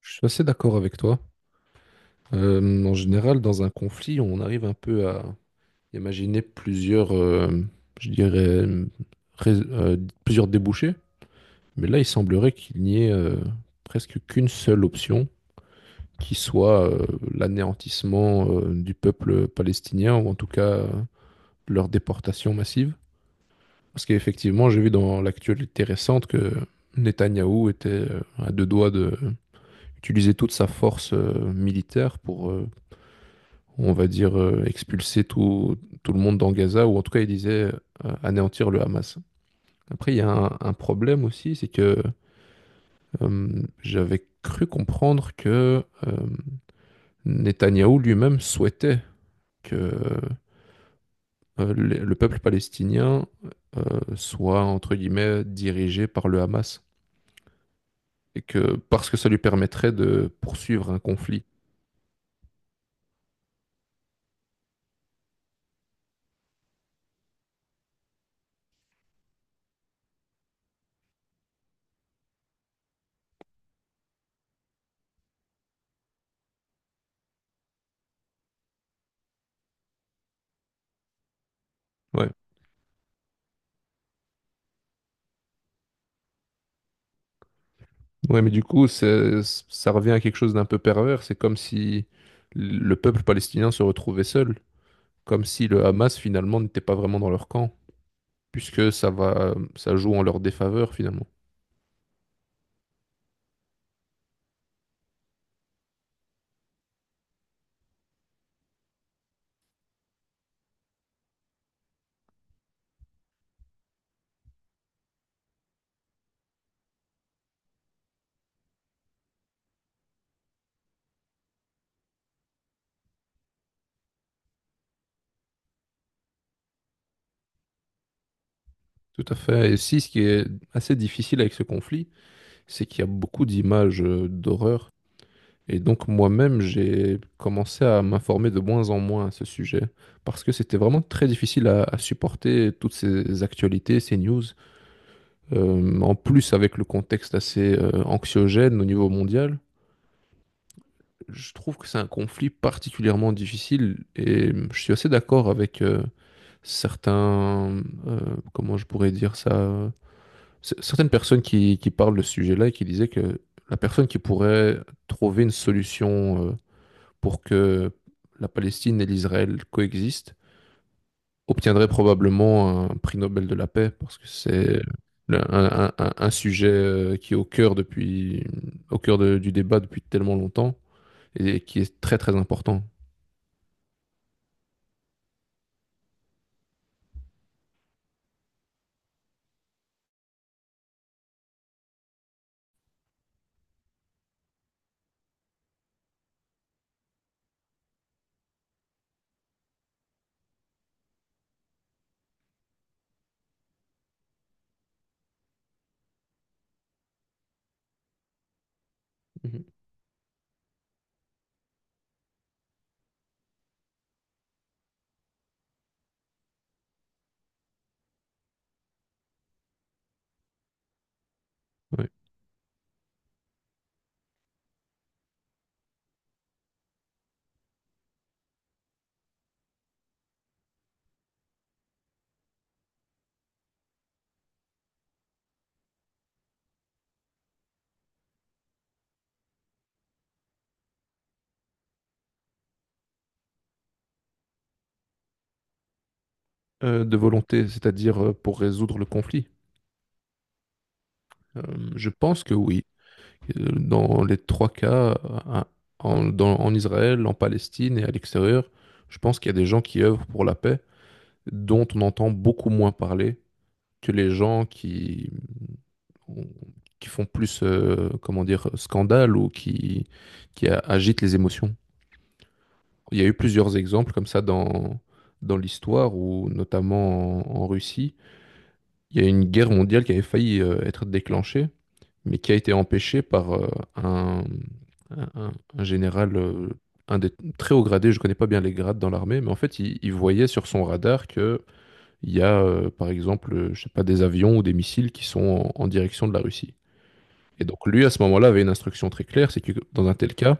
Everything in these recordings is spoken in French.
Je suis assez d'accord avec toi. En général, dans un conflit, on arrive un peu à imaginer je dirais, rais- euh, plusieurs débouchés. Mais là, il semblerait qu'il n'y ait presque qu'une seule option, qui soit l'anéantissement du peuple palestinien, ou en tout cas leur déportation massive. Parce qu'effectivement, j'ai vu dans l'actualité récente que Netanyahou était à deux doigts de utiliser toute sa force militaire pour on va dire, expulser tout le monde dans Gaza, ou en tout cas, il disait anéantir le Hamas. Après, il y a un problème aussi, c'est que j'avais cru comprendre que Netanyahou lui-même souhaitait que le peuple palestinien soit, entre guillemets, dirigé par le Hamas, et que parce que ça lui permettrait de poursuivre un conflit. Ouais. Ouais, mais du coup, c'est- ça revient à quelque chose d'un peu pervers. C'est comme si le peuple palestinien se retrouvait seul, comme si le Hamas finalement n'était pas vraiment dans leur camp, puisque ça va, ça joue en leur défaveur finalement. Tout à fait. Et aussi, ce qui est assez difficile avec ce conflit, c'est qu'il y a beaucoup d'images d'horreur. Et donc moi-même, j'ai commencé à m'informer de moins en moins à ce sujet, parce que c'était vraiment très difficile à supporter toutes ces actualités, ces news. En plus, avec le contexte assez anxiogène au niveau mondial, je trouve que c'est un conflit particulièrement difficile et je suis assez d'accord avec certains, comment je pourrais dire ça, certaines personnes qui parlent de ce sujet-là et qui disaient que la personne qui pourrait trouver une solution pour que la Palestine et l'Israël coexistent, obtiendrait probablement un prix Nobel de la paix parce que c'est le- un sujet qui est au cœur depuis, au cœur de- du débat depuis tellement longtemps et qui est très très important. Mhm. Ouais. De volonté, c'est-à-dire pour résoudre le conflit. Euh, je pense que oui. Dans les trois cas, euh, en, dans- en Israël, en Palestine et à l'extérieur, je pense qu'il y a des gens qui œuvrent pour la paix, dont on entend beaucoup moins parler que les gens qui, on- qui font plus, comment dire, scandale ou qui a- agitent les émotions. Il y a eu plusieurs exemples comme ça dans, dans l'histoire, où notamment en, en Russie, il y a une guerre mondiale qui avait failli être déclenchée, mais qui a été empêchée par un, un général, un des très hauts gradés, je connais pas bien les grades dans l'armée, mais en fait, il voyait sur son radar que il y a, par exemple, je sais pas, des avions ou des missiles qui sont en en direction de la Russie. Et donc lui, à ce moment-là, avait une instruction très claire, c'est que dans un tel cas,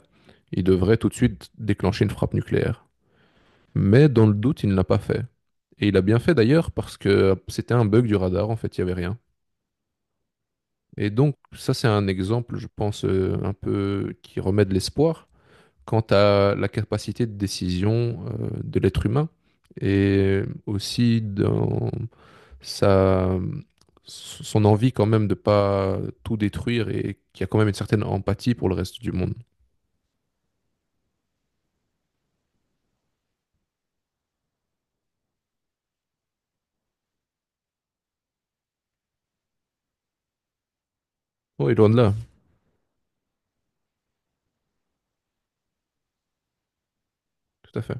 il devrait tout de suite déclencher une frappe nucléaire. Mais dans le doute, il ne l'a pas fait. Et il a bien fait d'ailleurs parce que c'était un bug du radar, en fait, il n'y avait rien. Et donc ça, c'est un exemple, je pense, un peu qui remet de l'espoir quant à la capacité de décision de l'être humain et aussi dans sa, son envie quand même de ne pas tout détruire et qui a quand même une certaine empathie pour le reste du monde. Oui, loin de là, tout à fait.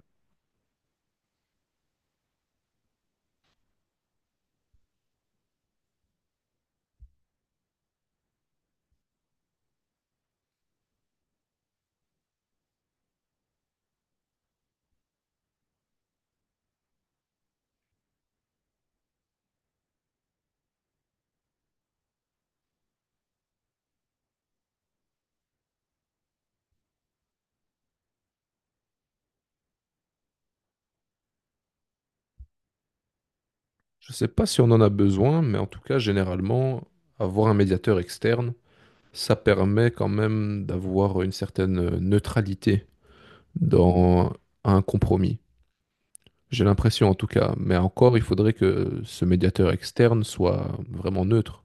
Je ne sais pas si on en a besoin, mais en tout cas, généralement, avoir un médiateur externe, ça permet quand même d'avoir une certaine neutralité dans un compromis. J'ai l'impression en tout cas, mais encore, il faudrait que ce médiateur externe soit vraiment neutre.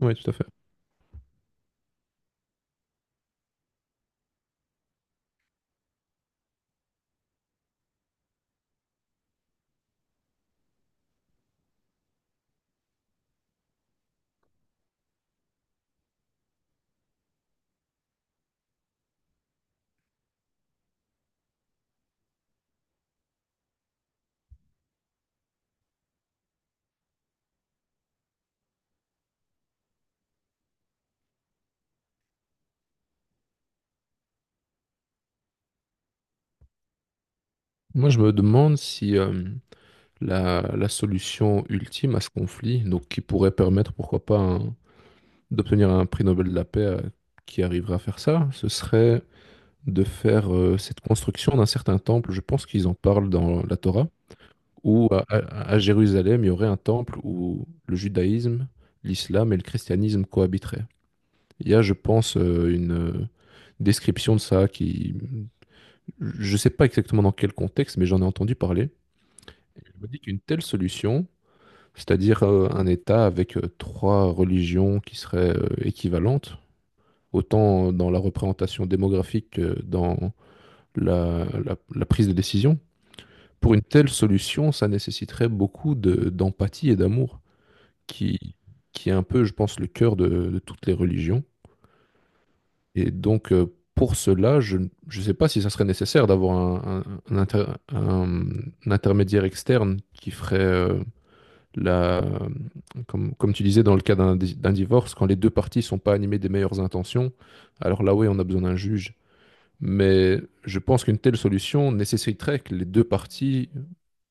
Oui, tout à fait. Moi, je me demande si la, la solution ultime à ce conflit, donc qui pourrait permettre, pourquoi pas, un- d'obtenir un prix Nobel de la paix qui arriverait à faire ça, ce serait de faire cette construction d'un certain temple. Je pense qu'ils en parlent dans la Torah, où à Jérusalem, il y aurait un temple où le judaïsme, l'islam et le christianisme cohabiteraient. Il y a, je pense, une description de ça qui... Je ne sais pas exactement dans quel contexte, mais j'en ai entendu parler. Je me dis qu'une telle solution, c'est-à-dire un État avec trois religions qui seraient équivalentes, autant dans la représentation démographique que dans la la- la prise de décision, pour une telle solution, ça nécessiterait beaucoup de- d'empathie et d'amour, qui, qui est un peu, je pense, le cœur de toutes les religions. Et donc, pour cela, je ne je sais pas si ça serait nécessaire d'avoir un inter- un intermédiaire externe qui ferait la, comme, comme tu disais dans le cas d'un di- d'un divorce, quand les deux parties sont pas animées des meilleures intentions, alors là, oui, on a besoin d'un juge mais je pense qu'une telle solution nécessiterait que les deux parties,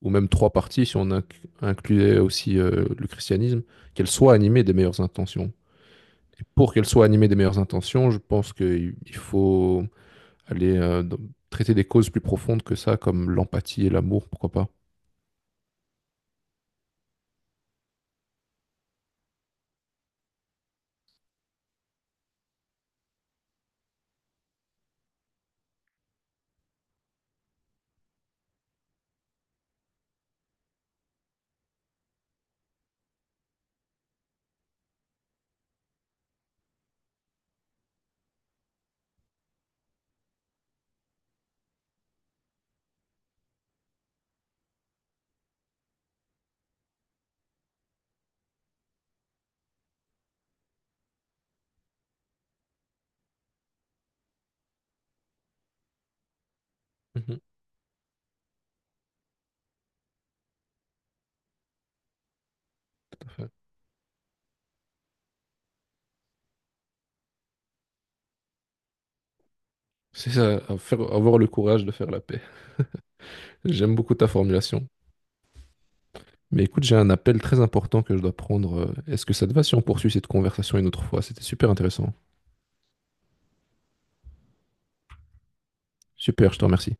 ou même trois parties, si on inc- incluait aussi le christianisme, qu'elles soient animées des meilleures intentions. Et pour qu'elles soient animées des meilleures intentions, je pense qu'il il faut aller traiter des causes plus profondes que ça, comme l'empathie et l'amour, pourquoi pas. Mhm, tout à fait. C'est ça, à faire- avoir le courage de faire la paix. J'aime beaucoup ta formulation. Mais écoute, j'ai un appel très important que je dois prendre. Est-ce que ça te va si on poursuit cette conversation une autre fois? C'était super intéressant. Super, je te remercie.